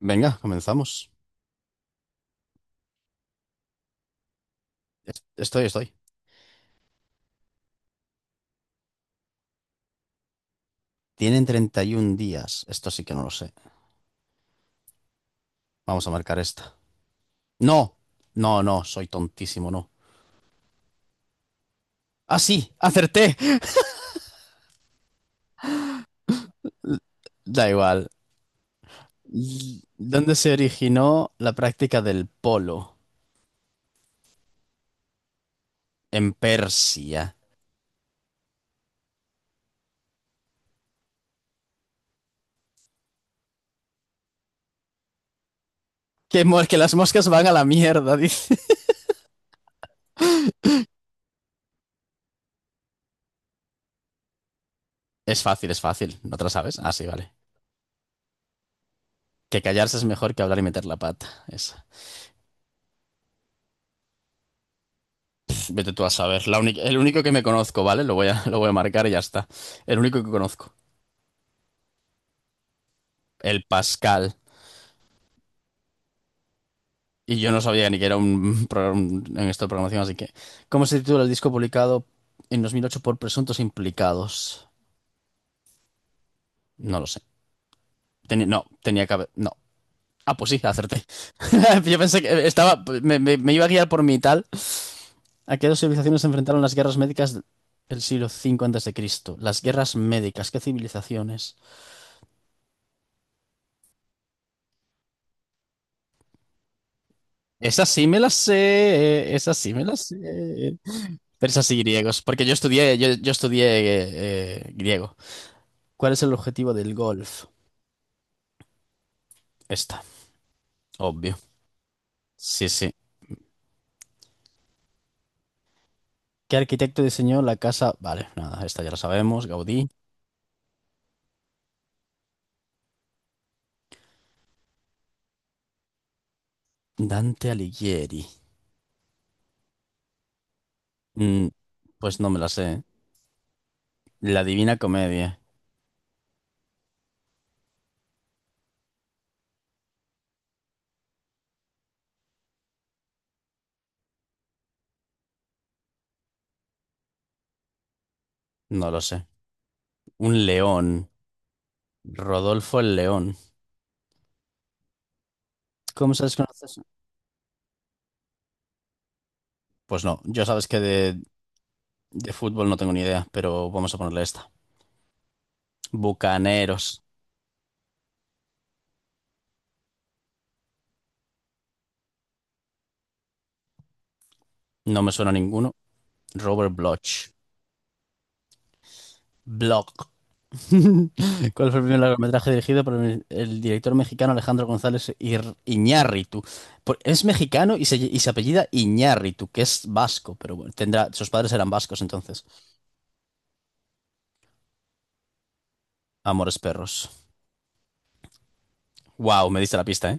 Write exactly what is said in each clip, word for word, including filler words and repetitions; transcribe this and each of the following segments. Venga, comenzamos. Es- Estoy, estoy. Tienen treinta y un días. Esto sí que no lo sé. Vamos a marcar esta. No, no, no, soy tontísimo, no. Ah, sí, acerté. Da igual. Y- ¿Dónde se originó la práctica del polo? En Persia. Que, mor- que las moscas van a la mierda, dice. Es fácil, es fácil. ¿No te la sabes? Ah, sí, vale. Que callarse es mejor que hablar y meter la pata. Esa. Vete tú a saber. La única- el único que me conozco, ¿vale? Lo voy a, lo voy a marcar y ya está. El único que conozco. El Pascal. Y yo no sabía ni que era un programa en esto de programación, así que. ¿Cómo se titula el disco publicado en dos mil ocho por presuntos implicados? No lo sé. Teni- no, tenía que haber. No. Ah, pues sí, acerté. Yo pensé que estaba. Me, me- me iba a guiar por mi tal. ¿A qué dos civilizaciones se enfrentaron las guerras médicas del siglo cinco antes de Cristo? Las guerras médicas, ¿qué civilizaciones? Esas sí me las sé, esas sí me las sé. Persas y griegos, porque yo estudié, yo, yo estudié eh, eh, griego. ¿Cuál es el objetivo del golf? Esta, obvio. Sí, sí. ¿Qué arquitecto diseñó la casa? Vale, nada, esta ya la sabemos. Gaudí. Dante Alighieri. Mm, pues no me la sé. La Divina Comedia. No lo sé. Un león. Rodolfo el León. ¿Cómo sabes que no eso? Pues no, yo sabes que de, de fútbol no tengo ni idea, pero vamos a ponerle esta. Bucaneros. No me suena a ninguno. Robert Bloch. Bloch. ¿Cuál fue el primer largometraje dirigido por el, el director mexicano Alejandro González Ir- Iñárritu? Por- es mexicano y se, y se apellida Iñárritu, que es vasco, pero bueno, tendrá, sus padres eran vascos entonces. Amores perros. Wow, me diste la pista, ¿eh?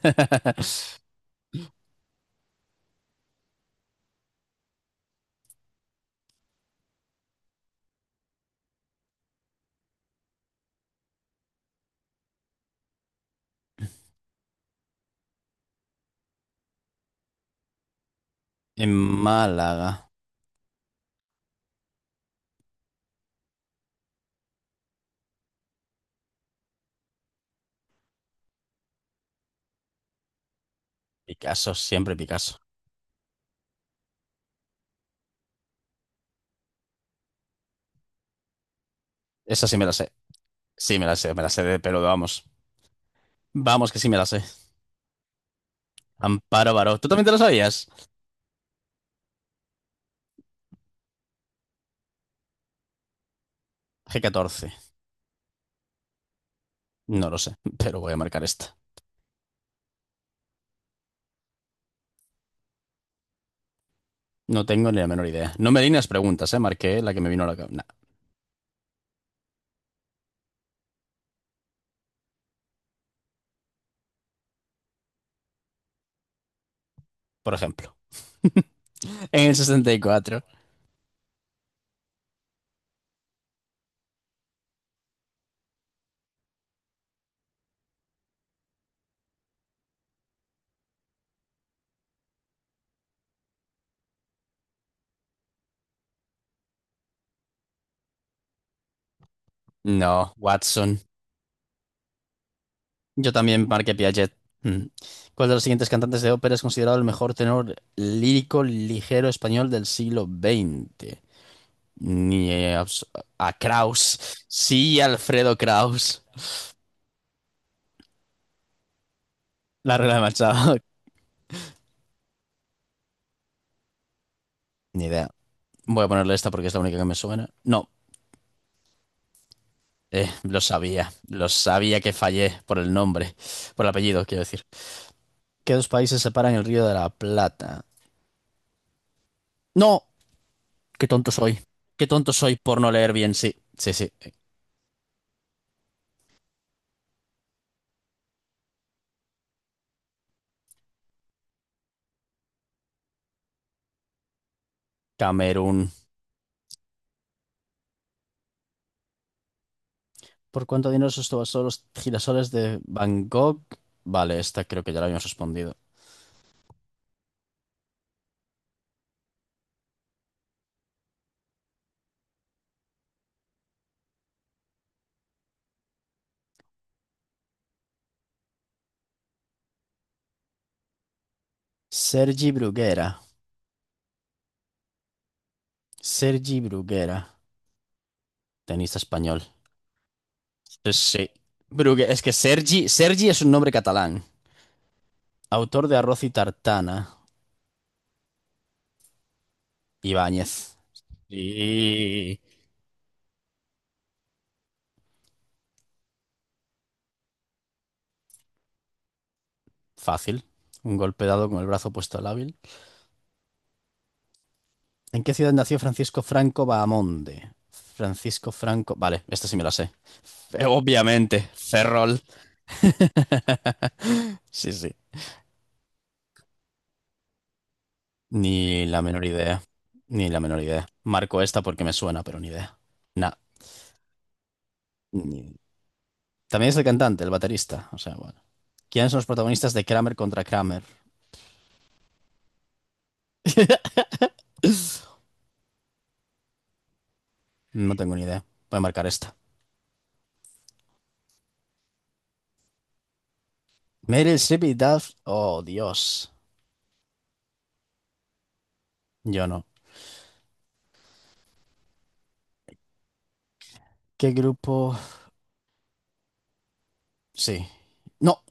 En Málaga. Picasso, siempre Picasso. Esa sí me la sé. Sí me la sé, me la sé de pero vamos. Vamos, que sí me la sé. Amparo Baró. ¿Tú también te la sabías? G catorce. No lo sé, pero voy a marcar esta. No tengo ni la menor idea. No me di las preguntas, ¿eh? Marqué la que me vino a la cabeza. Nah, por ejemplo. En el sesenta y cuatro. No, Watson. Yo también marqué Piaget. Mm. ¿Cuál de los siguientes cantantes de ópera es considerado el mejor tenor lírico ligero español del siglo veinte? Ni eh, abs- a Kraus. Sí, Alfredo Kraus. La regla de Machado. Ni idea. Voy a ponerle esta porque es la única que me suena. No, eh, lo sabía. Lo sabía que fallé por el nombre. Por el apellido, quiero decir. ¿Qué dos países separan el Río de la Plata? No, qué tonto soy. Qué tonto soy por no leer bien. Sí, sí, sí. Camerún. ¿Por cuánto dinero subastó los girasoles de Van Gogh? Vale, esta creo que ya la habíamos respondido. Sergi Bruguera. Sergi Bruguera. Tenista español. Sí, sí. Brugue- Es que Sergi, Sergi es un nombre catalán. Autor de Arroz y Tartana. Ibáñez. Y. Fácil. Un golpe dado con el brazo puesto al hábil. ¿En qué ciudad nació Francisco Franco Bahamonde? Francisco Franco. Vale, esta sí me la sé. Eh, Obviamente, Ferrol. Sí, sí. Ni la menor idea. Ni la menor idea. Marco esta porque me suena, pero ni idea. Nah. ni- También es el cantante, el baterista. O sea, bueno. ¿Quiénes son los protagonistas de Kramer contra Kramer? No tengo ni idea. Voy a marcar esta. Meryl Streep y Duff. Oh, Dios. Yo no. ¿Qué grupo? Sí. No,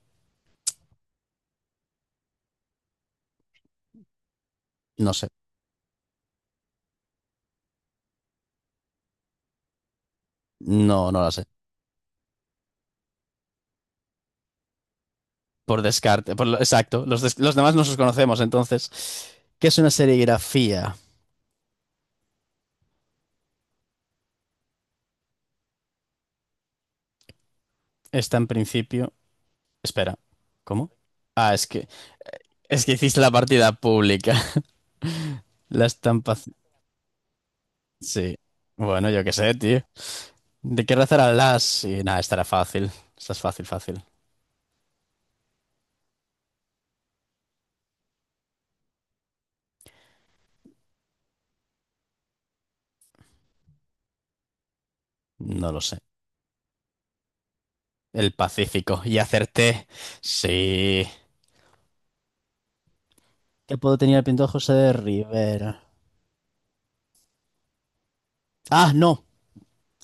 no sé. No, no la sé. Por descarte, por lo- exacto. Los, des- los demás no los conocemos, entonces. ¿Qué es una serigrafía? Está en principio. Espera, ¿cómo? Ah, es que, es que hiciste la partida pública. La estampa. Sí. Bueno, yo qué sé, tío. ¿De qué raza eran las? Sí, nada, estará fácil. Esta es fácil, fácil. No lo sé. El Pacífico. Y acerté. Sí. ¿Qué puedo tener el pintor José de Rivera? Ah, no.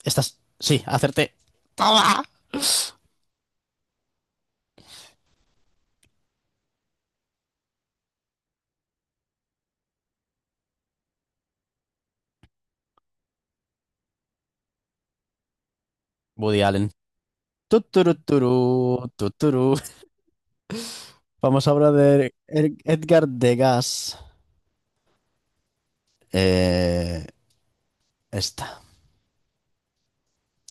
Estas. Sí, acerté. ¡Toma! Woody Allen. Tuturu, tuturu tuturu. Vamos a hablar de Er- Edgar Degas. Eh, esta,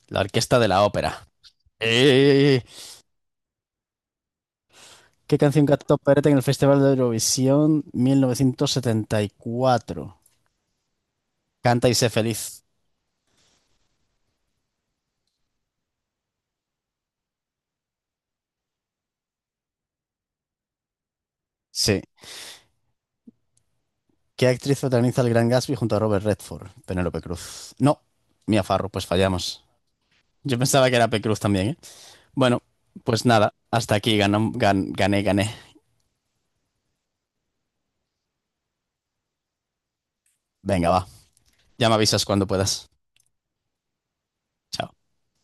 la Orquesta de la Ópera. Eh, ¿Qué canción cantó Perete en el Festival de Eurovisión mil novecientos setenta y cuatro? Canta y sé feliz. Sí. ¿Qué actriz protagoniza el Gran Gatsby junto a Robert Redford? Penélope Cruz. No, Mia Farrow, pues fallamos. Yo pensaba que era P. Cruz también, ¿eh? Bueno, pues nada, hasta aquí ganó- gan- gané, gané. Venga, va. Ya me avisas cuando puedas. Chao.